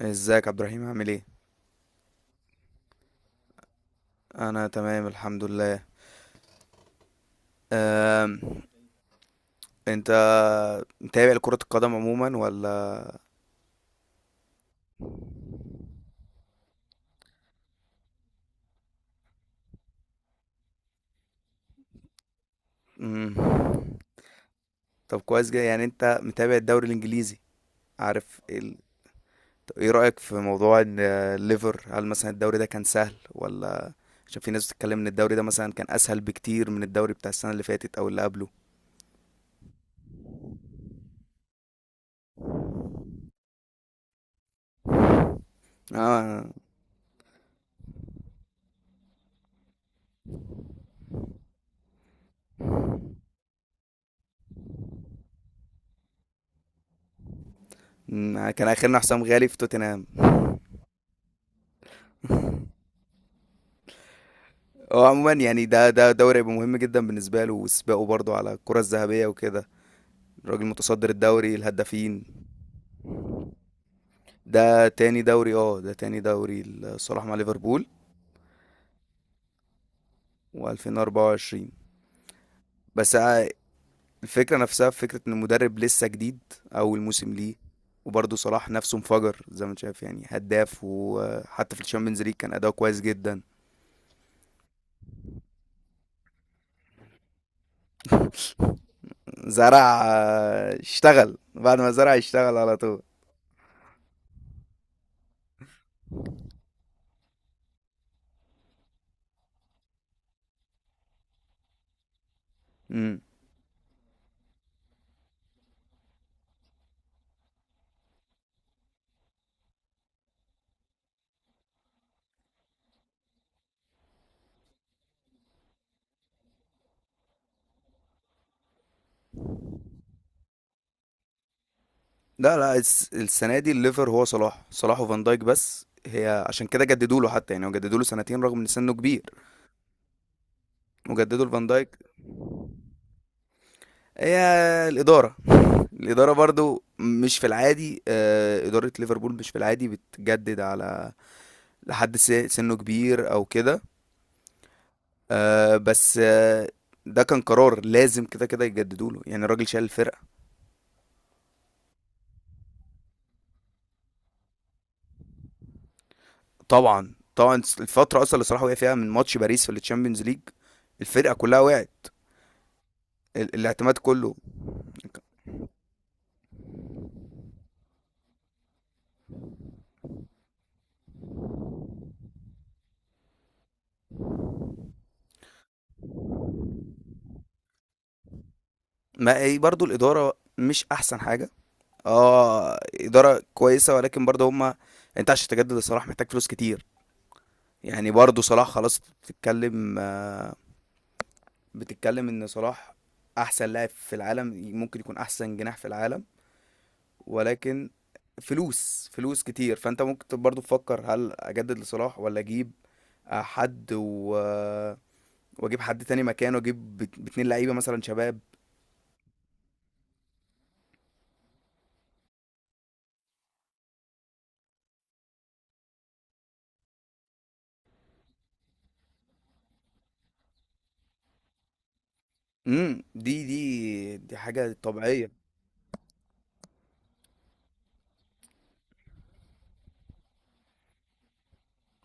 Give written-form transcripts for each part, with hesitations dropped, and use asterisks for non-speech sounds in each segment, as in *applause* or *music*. ازيك عبد الرحيم؟ عامل ايه؟ انا تمام الحمد لله. أم... انت متابع لكرة القدم عموما ولا؟ مم. طب كويس جدا، يعني انت متابع الدوري الانجليزي. عارف ال... طب ايه رأيك في موضوع ان الليفر، هل مثلا الدوري ده كان سهل ولا؟ عشان في ناس بتتكلم ان الدوري ده مثلا كان اسهل بكتير من الدوري بتاع السنة اللي فاتت او اللي قبله. اه. كان اخرنا حسام غالي في توتنهام. هو عموما يعني ده دوري هيبقى مهم جدا بالنسبة له، وسباقه برضه على الكرة الذهبية وكده. الراجل متصدر الدوري الهدافين. ده تاني دوري، اه، ده تاني دوري الصراحة مع ليفربول. و2024. بس الفكرة نفسها، في فكرة ان المدرب لسه جديد، اول موسم ليه. وبرضه صلاح نفسه انفجر زي ما انت شايف، يعني هداف، وحتى في الشامبيونز ليج كان اداؤه كويس جدا. زرع، اشتغل بعد ما زرع، اشتغل على طول. مم. لا لا، السنة دي الليفر هو صلاح، صلاح وفان دايك بس. هي عشان كده جددوا له، حتى يعني هو جددوا له سنتين رغم ان سنه كبير. وجددوا لفان دايك. هي الإدارة الإدارة برضو مش في العادي، إدارة ليفربول مش في العادي بتجدد على لحد سنه كبير أو كده. آه، بس آه، ده كان قرار لازم كده كده يجددوا له، يعني الراجل شال الفرقة. طبعا طبعا. الفترة أصلا اللي صلاح وقع فيها من ماتش باريس في التشامبيونز ليج، الفرقة كلها وقعت. الاعتماد كله. ما هي برضو الإدارة مش أحسن حاجة. اه، اداره كويسه ولكن برضه هما. انت عشان تجدد لصلاح محتاج فلوس كتير. يعني برضه صلاح خلاص بتتكلم ان صلاح احسن لاعب في العالم، ممكن يكون احسن جناح في العالم. ولكن فلوس، فلوس كتير، فانت ممكن برضه تفكر هل اجدد لصلاح ولا اجيب آه، حد و... آه، واجيب حد تاني مكانه، اجيب باتنين لعيبه مثلا شباب. دي حاجه طبيعيه.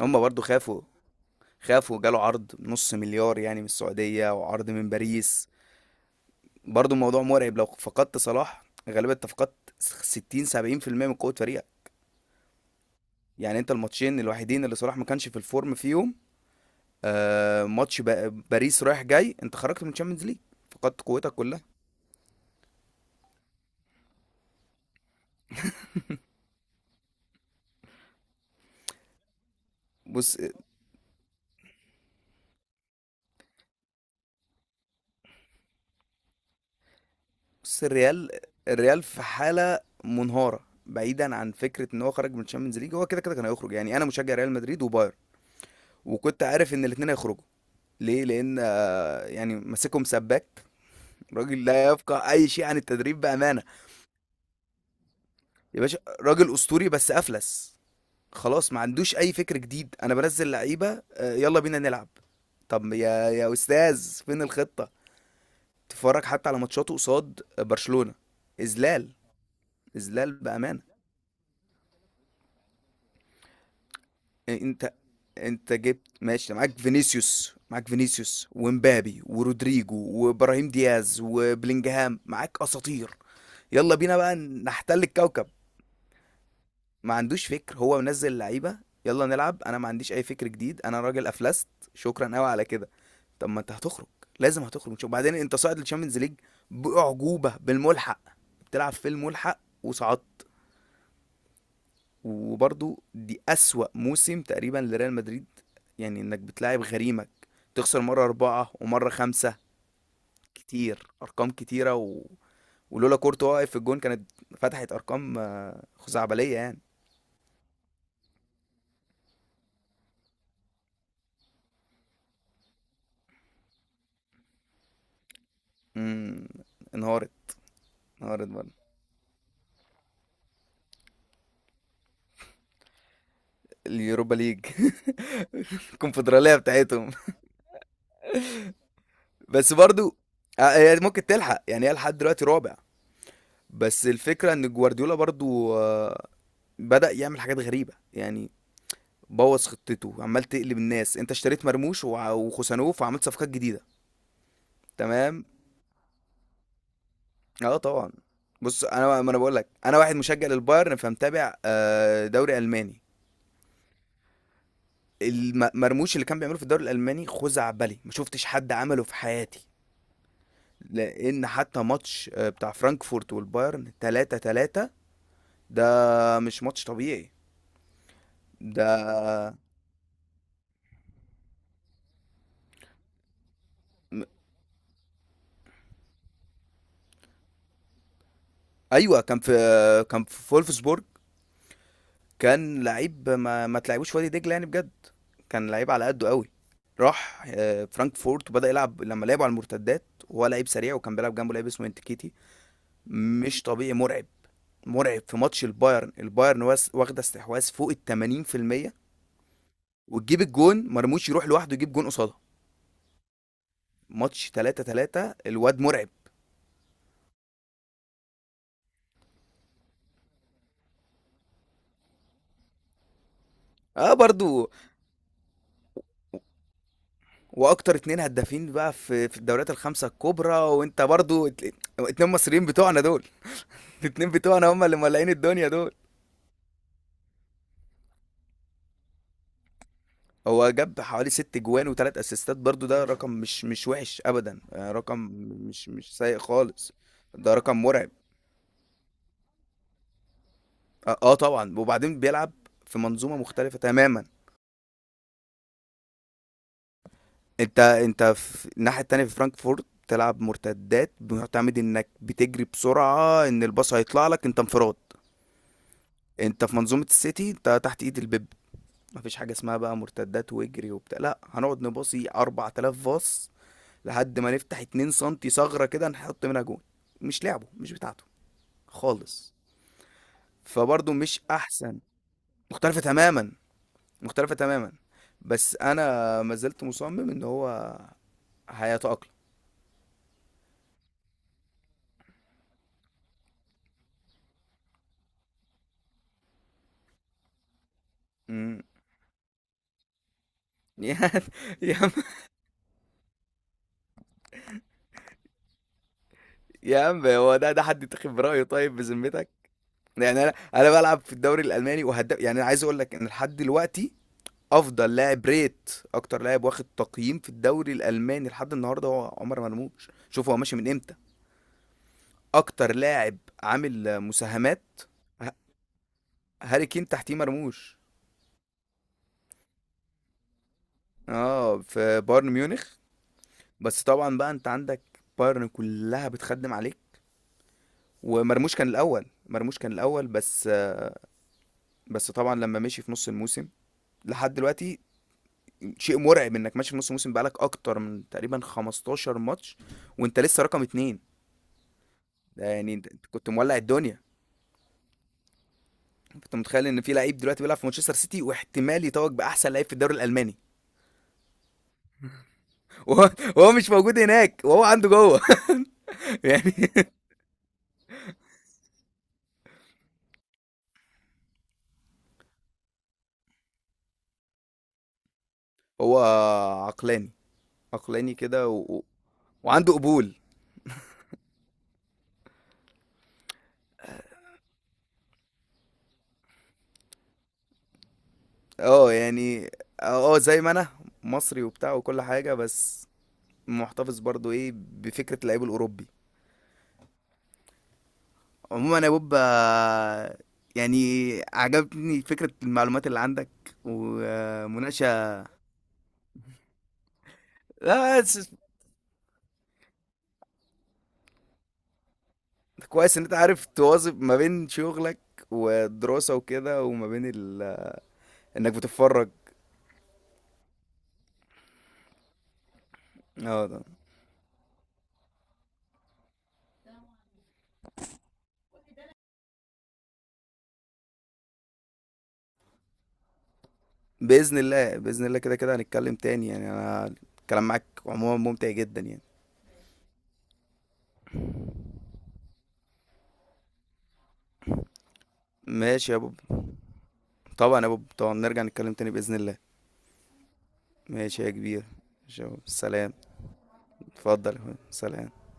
هما برضه خافوا. خاف وجاله عرض نص مليار يعني من السعودية، وعرض من باريس. برضو الموضوع مرعب، لو فقدت صلاح غالبا انت فقدت 60 70% من قوة فريقك. يعني انت الماتشين الوحيدين اللي صلاح ما كانش في الفورم فيهم، ماتش باريس رايح جاي، انت خرجت من الشامبيونز ليج، فقدت قوتك كلها. بص بص، الريال، الريال في حالة منهارة. بعيدا عن فكرة ان هو خرج من الشامبيونز ليج، هو كده كده كان هيخرج. يعني انا مشجع ريال مدريد وبايرن، وكنت عارف ان الاتنين هيخرجوا. ليه؟ لان يعني ماسكهم سباك، راجل لا يفقه اي شيء عن التدريب بامانه. يا باشا راجل اسطوري بس افلس. خلاص ما عندوش اي فكر جديد، انا بنزل لعيبه، يلا بينا نلعب. طب يا يا استاذ فين الخطه؟ تتفرج حتى على ماتشاته قصاد برشلونه، اذلال. اذلال بامانه. انت انت جبت ماشي، معاك فينيسيوس، معاك فينيسيوس ومبابي ورودريجو وابراهيم دياز وبلينجهام، معاك اساطير. يلا بينا بقى نحتل الكوكب. ما عندوش فكر، هو منزل لعيبه، يلا نلعب، انا ما عنديش اي فكر جديد، انا راجل افلست. شكرا قوي على كده. طب ما انت هتخرج، لازم هتخرج، مش وبعدين انت صاعد للشامبيونز ليج باعجوبه بالملحق، بتلعب في الملحق وصعدت. وبرضو دي اسوأ موسم تقريبا لريال مدريد، يعني انك بتلاعب غريمك تخسر مره اربعه ومره خمسه، كتير ارقام كتيره و... ولولا كورتوا واقف في الجون كانت فتحت ارقام خزعبليه يعني. امم انهارت. انهارت برضه. اليوروبا ليج. *laughs* الكونفدراليه بتاعتهم. بس برضو هي ممكن تلحق يعني، هي لحد دلوقتي رابع. بس الفكره ان جوارديولا برضو بدأ يعمل حاجات غريبه يعني، بوظ خطته، عمال تقلب الناس، انت اشتريت مرموش وع- وخوسانوف وعملت صفقات جديده. تمام. اه طبعا. بص، انا ما انا بقول لك انا واحد مشجع للبايرن، فمتابع دوري الماني. المرموش اللي كان بيعمله في الدوري الالماني خزعبلي، ما شفتش حد عمله في حياتي. لان حتى ماتش بتاع فرانكفورت والبايرن 3-3، ده مش ماتش طبيعي. ده م- ايوه، كان في، كان في فولفسبورج، كان لعيب ما تلعبوش في وادي دجله يعني بجد، كان لعيب على قده قوي. راح فرانكفورت وبدأ يلعب لما لعبوا على المرتدات. هو لعيب سريع، وكان بيلعب جنبه لعيب اسمه انتكيتي، مش طبيعي، مرعب. مرعب. في ماتش البايرن، البايرن واخده استحواذ فوق ال 80%، وتجيب الجون، مرموش يروح لوحده يجيب جون قصادها. ماتش 3-3، الواد مرعب. اه برضو، واكتر اتنين هدافين بقى في الدوريات الخمسه الكبرى. وانت برضو اتنين مصريين بتوعنا دول، *laughs* الاتنين بتوعنا هم اللي مولعين الدنيا دول. هو جاب حوالي ست جوان وتلات اسيستات برضو، ده رقم مش وحش ابدا، رقم مش سيء خالص، ده رقم مرعب. اه طبعا. وبعدين بيلعب في منظومه مختلفه تماما. انت في الناحيه التانيه، في فرانكفورت بتلعب مرتدات، بتعتمد انك بتجري بسرعه، ان الباص هيطلع لك انت انفراد. انت في منظومه السيتي، انت تحت ايد البيب، مفيش حاجه اسمها بقى مرتدات واجري وبتاع، لا هنقعد نباصي 4000 باص لحد ما نفتح 2 سم ثغره كده نحط منها جون. مش لعبه، مش بتاعته خالص. فبرضه مش احسن، مختلفه تماما، مختلفه تماما. بس انا ما زلت مصمم ان هو هيتأقلم. مم. *laughs* يعني يا عم، هو ده حد يتاخد برأيه طيب بذمتك؟ يعني انا بلعب في الدوري الالماني وهداف، يعني انا عايز اقول لك ان لحد دلوقتي افضل لاعب ريت، اكتر لاعب واخد تقييم في الدوري الالماني لحد النهارده هو عمر مرموش. شوف هو ماشي من امتى. اكتر لاعب عامل مساهمات. ه- هاري كين تحتيه مرموش. اه، في بايرن ميونخ. بس طبعا بقى انت عندك بايرن كلها بتخدم عليك. ومرموش كان الاول، مرموش كان الاول. بس بس طبعا لما مشي في نص الموسم لحد دلوقتي، شيء مرعب انك ماشي في نص موسم بقالك اكتر من تقريبا 15 ماتش وانت لسه رقم اتنين. ده يعني انت، أنت كنت مولع الدنيا. انت متخيل ان في لعيب دلوقتي بيلعب في مانشستر سيتي واحتمال يتوج باحسن لعيب في الدوري الالماني، وهو *laughs* وهو مش موجود هناك وهو عنده جوه. *laughs* يعني هو عقلاني، عقلاني كده وعنده قبول. اه يعني، اه زي ما انا مصري وبتاع وكل حاجه، بس محتفظ برضو ايه بفكره اللعيب الاوروبي. عموما يا بوب، يعني عجبتني فكرة المعلومات اللي عندك ومناقشة. لا س- كويس ان انت عارف تواظب ما بين شغلك والدراسة وكده وما بين انك بتتفرج. اه ده. بإذن الله، بإذن الله، كده كده هنتكلم تاني. يعني انا الكلام معاك عموما ممتع جدا يعني. ماشي يا بوب. طبعا يا بوب، طبعا نرجع نتكلم تاني بإذن الله. ماشي يا كبير. شو سلام. اتفضل يا أخويا. سلام.